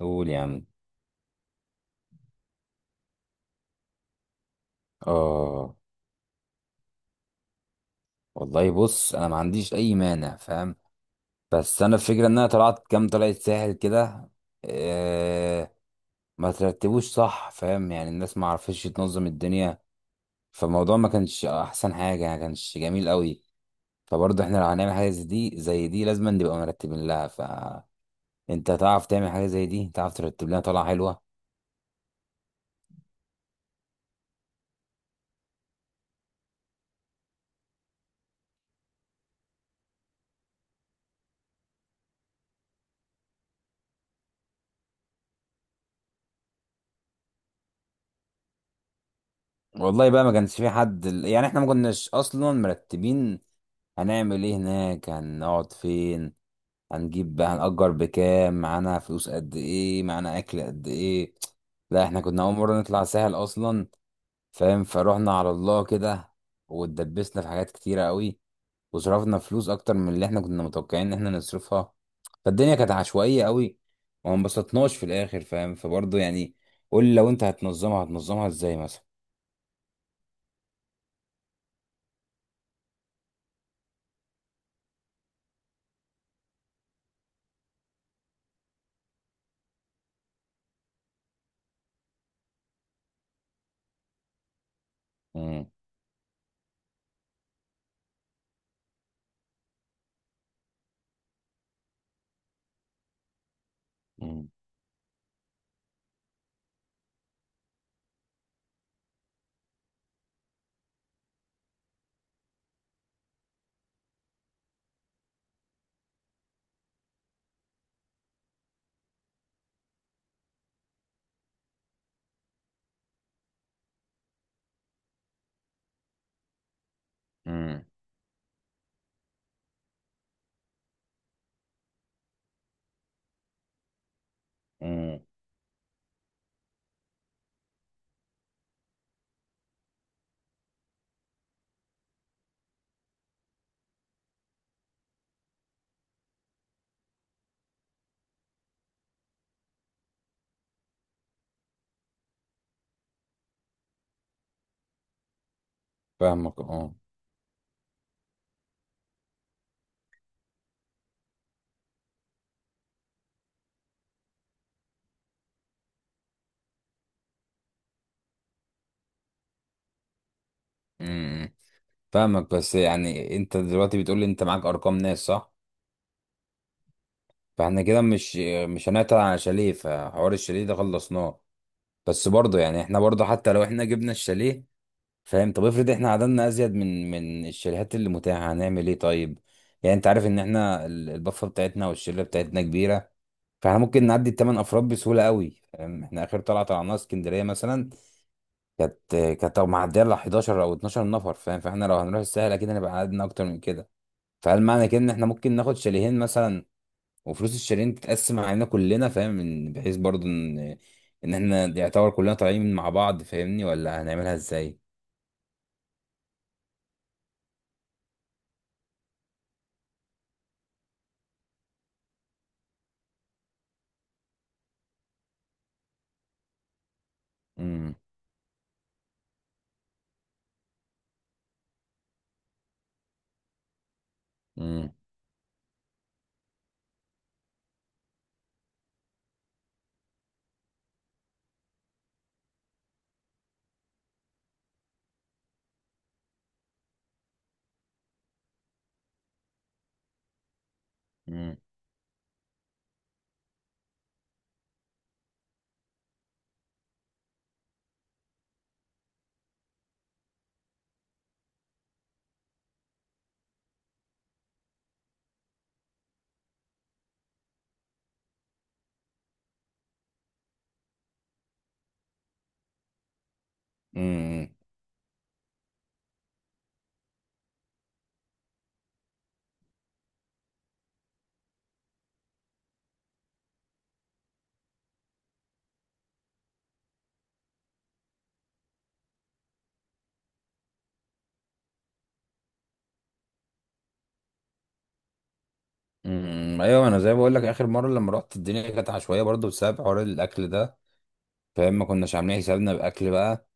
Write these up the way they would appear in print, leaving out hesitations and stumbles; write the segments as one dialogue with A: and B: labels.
A: قول يا عم. اه. والله بص، انا ما عنديش اي مانع فاهم. بس انا الفكره ان انا طلعت كام طلعت ساحل كده. آه ما ترتبوش صح فاهم، يعني الناس ما عرفتش تنظم الدنيا. فالموضوع ما كانش احسن حاجه، يعني ما كانش جميل قوي. فبرضه احنا لو هنعمل حاجه زي دي لازم نبقى مرتبين لها. فانت تعرف تعمل حاجه زي دي، تعرف ترتب لنا طلعه حلوه. والله بقى، ما كانش في حد، يعني احنا ما كناش اصلا مرتبين. هنعمل ايه هناك؟ هنقعد فين؟ هنجيب بقى، هنأجر بكام؟ معانا فلوس قد ايه؟ معانا اكل قد ايه؟ لا، احنا كنا اول مرة نطلع ساحل اصلا. فاهم؟ فروحنا على الله كده، واتدبسنا في حاجات كتيرة قوي، وصرفنا فلوس اكتر من اللي احنا كنا متوقعين ان احنا نصرفها. فالدنيا كانت عشوائية قوي، وما انبسطناش في الاخر فاهم. فبرضه يعني، قول لي لو انت هتنظمها ازاي مثلا؟ مم، مم، مم، مم. فاهمك اه. مم، مم. فاهمك. بس يعني انت دلوقتي بتقول لي انت معاك ارقام ناس، صح؟ فاحنا كده مش هنعطل عن شاليه، فحوار الشاليه ده خلصناه. بس برضه يعني، احنا برضه حتى لو احنا جبنا الشاليه، فاهم؟ طب افرض احنا عددنا ازيد من الشاليهات اللي متاحه، هنعمل ايه طيب؟ يعني انت عارف ان احنا البفه بتاعتنا والشله بتاعتنا كبيره. فاحنا ممكن نعدي الثمان افراد بسهوله قوي فاهم. احنا اخر طلعه طلعناها اسكندريه مثلا، كانت كانت معديه ل 11 او 12 نفر فاهم. فاحنا لو هنروح الساحل، اكيد هنبقى عددنا اكتر من كده. فهل معنى كده ان احنا ممكن ناخد شاليهين مثلا، وفلوس الشالين تتقسم علينا كلنا، فاهم؟ من بحيث برضو ان احنا يعتبر كلنا طالعين مع بعض، فاهمني؟ ولا هنعملها ازاي؟ امم. امم. امم. امم. أمم. ايوه، انا زي ما بقول لك، اخر مره لما رحت الدنيا كانت عشوائيه برضو بسبب حوار الاكل ده فاهم. ما كناش عاملين حسابنا باكل بقى.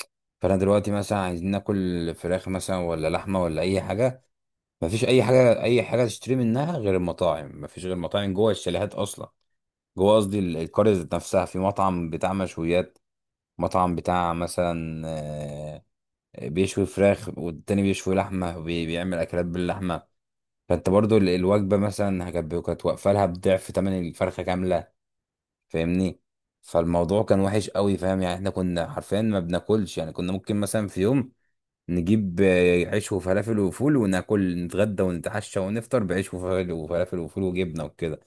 A: فانا دلوقتي مثلا عايزين ناكل فراخ مثلا، ولا لحمه، ولا اي حاجه. مفيش اي حاجه تشتري منها غير المطاعم. مفيش غير مطاعم جوه الشاليهات اصلا. جوه قصدي القرية ذات نفسها، في مطعم بتاع مشويات، مطعم بتاع مثلا، بيشوي فراخ، والتاني بيشوي لحمة وبيعمل أكلات باللحمة. فأنت برضو الوجبة مثلا كانت واقفة لها بضعف تمن الفرخة كاملة، فاهمني. فالموضوع كان وحش قوي فاهم، يعني احنا كنا حرفيا ما بناكلش. يعني كنا ممكن مثلا في يوم نجيب عيش وفلافل وفول، وناكل نتغدى ونتعشى ونفطر بعيش وفلافل وفول وجبنة وكده،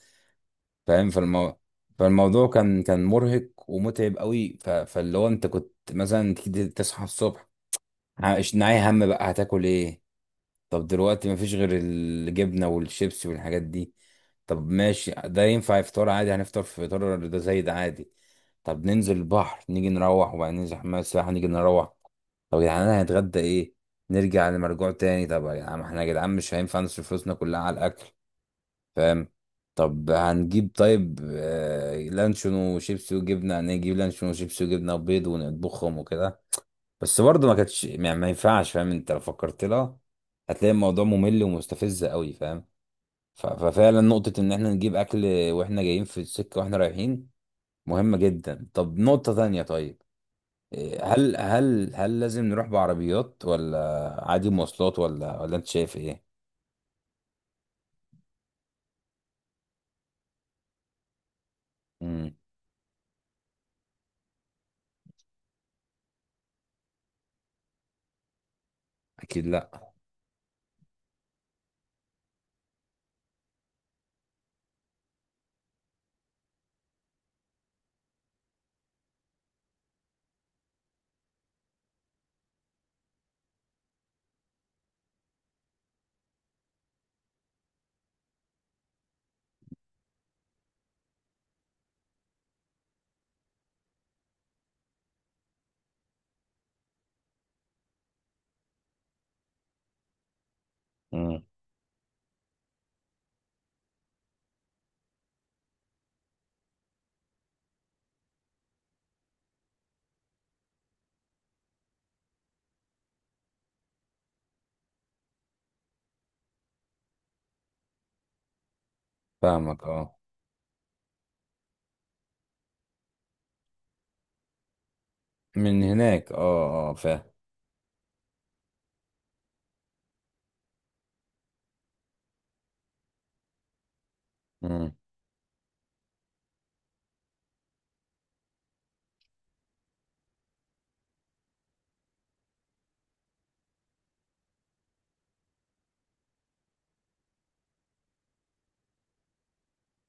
A: فاهم. فالموضوع فالموضوع كان مرهق ومتعب قوي. فاللي هو انت كنت مثلا تيجي تصحى الصبح، مش ناعي هم بقى، هتاكل ايه؟ طب دلوقتي مفيش غير الجبنة والشيبسي والحاجات دي. طب ماشي، ده ينفع افطار عادي، هنفطر في فطار ده زي ده عادي. طب ننزل البحر، نيجي نروح. وبعدين ننزل حمام السباحة، نيجي نروح. طب يا جدعان هنتغدى ايه؟ نرجع لمرجوع تاني. طب يا جدعان، ما احنا يا جدعان مش هينفع نصرف فلوسنا كلها على الاكل فاهم. طب هنجيب طيب لانشون وشيبسي وجبنة، هنجيب لانشون وشيبسي وجبنة وبيض ونطبخهم وكده. بس برضه ما كانتش، يعني ما ينفعش فاهم. انت لو فكرت لها، هتلاقي الموضوع ممل ومستفز قوي فاهم. ففعلا نقطة ان احنا نجيب اكل واحنا جايين في السكة، واحنا رايحين، مهمة جدا. طب نقطة تانية طيب، إيه، هل لازم نروح بعربيات ولا عادي مواصلات؟ ولا انت شايف ايه؟ امم. اكيد لا. امم. فاهمك اه. من هناك، اه اه فاهم. مم.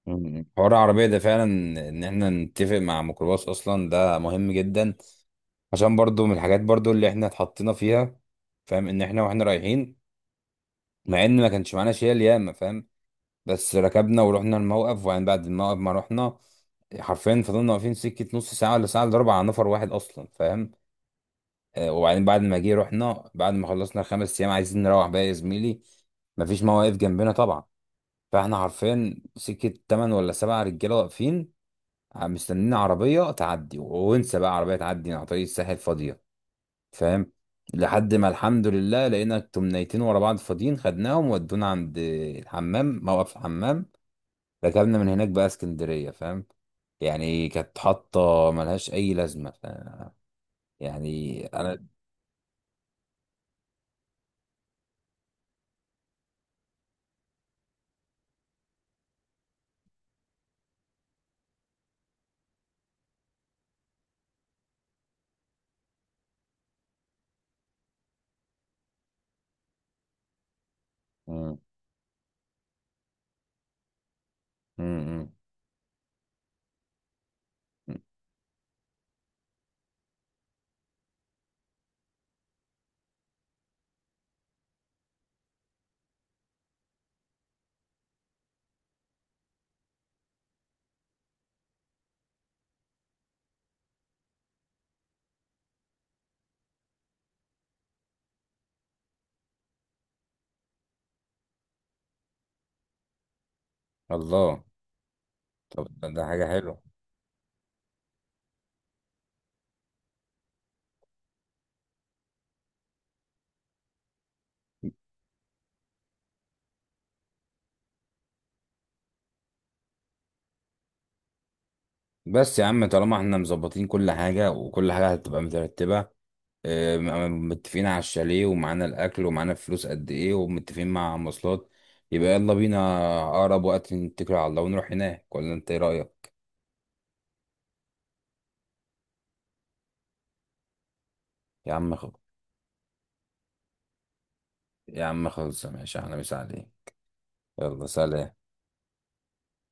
A: مم. حوار العربية ده فعلا، ان احنا نتفق مع ميكروباص اصلا، ده مهم جدا. عشان برضو من الحاجات برضو اللي احنا اتحطينا فيها فاهم، ان احنا واحنا رايحين، مع ان ما كانش معانا شيل ياما فاهم، بس ركبنا ورحنا الموقف، وبعدين بعد الموقف ما رحنا، حرفيا فضلنا واقفين سكة نص ساعة، ولا ساعة الا ربع، على نفر واحد اصلا فاهم. وبعدين بعد ما جه رحنا، بعد ما خلصنا الخمس ايام عايزين نروح بقى يا زميلي، مفيش مواقف جنبنا طبعا. فاحنا حرفيا سكة، تمن ولا سبع رجالة واقفين مستنيين عربية تعدي، وانسى بقى عربية تعدي على طريق الساحل فاضية فاهم. لحد ما الحمد لله لقينا تمنيتين ورا بعض فاضيين، خدناهم ودونا عند الحمام، موقف الحمام، ركبنا من هناك بقى اسكندرية فاهم. يعني كانت حاطة ملهاش أي لازمة. ف... يعني أنا مم. مم. مم. الله. طب ده حاجة حلوة. بس يا عم، طالما احنا مظبطين كل حاجة، وكل حاجة هتبقى مترتبة، متفقين على الشاليه، ومعانا الاكل، ومعانا فلوس قد ايه، ومتفقين مع مواصلات، يبقى يلا بينا اقرب وقت، نتكل على الله ونروح هناك، ولا انت ايه رايك؟ يا عم خ... يا عم خلص ماشي، احنا مش عليه. يلا سلام.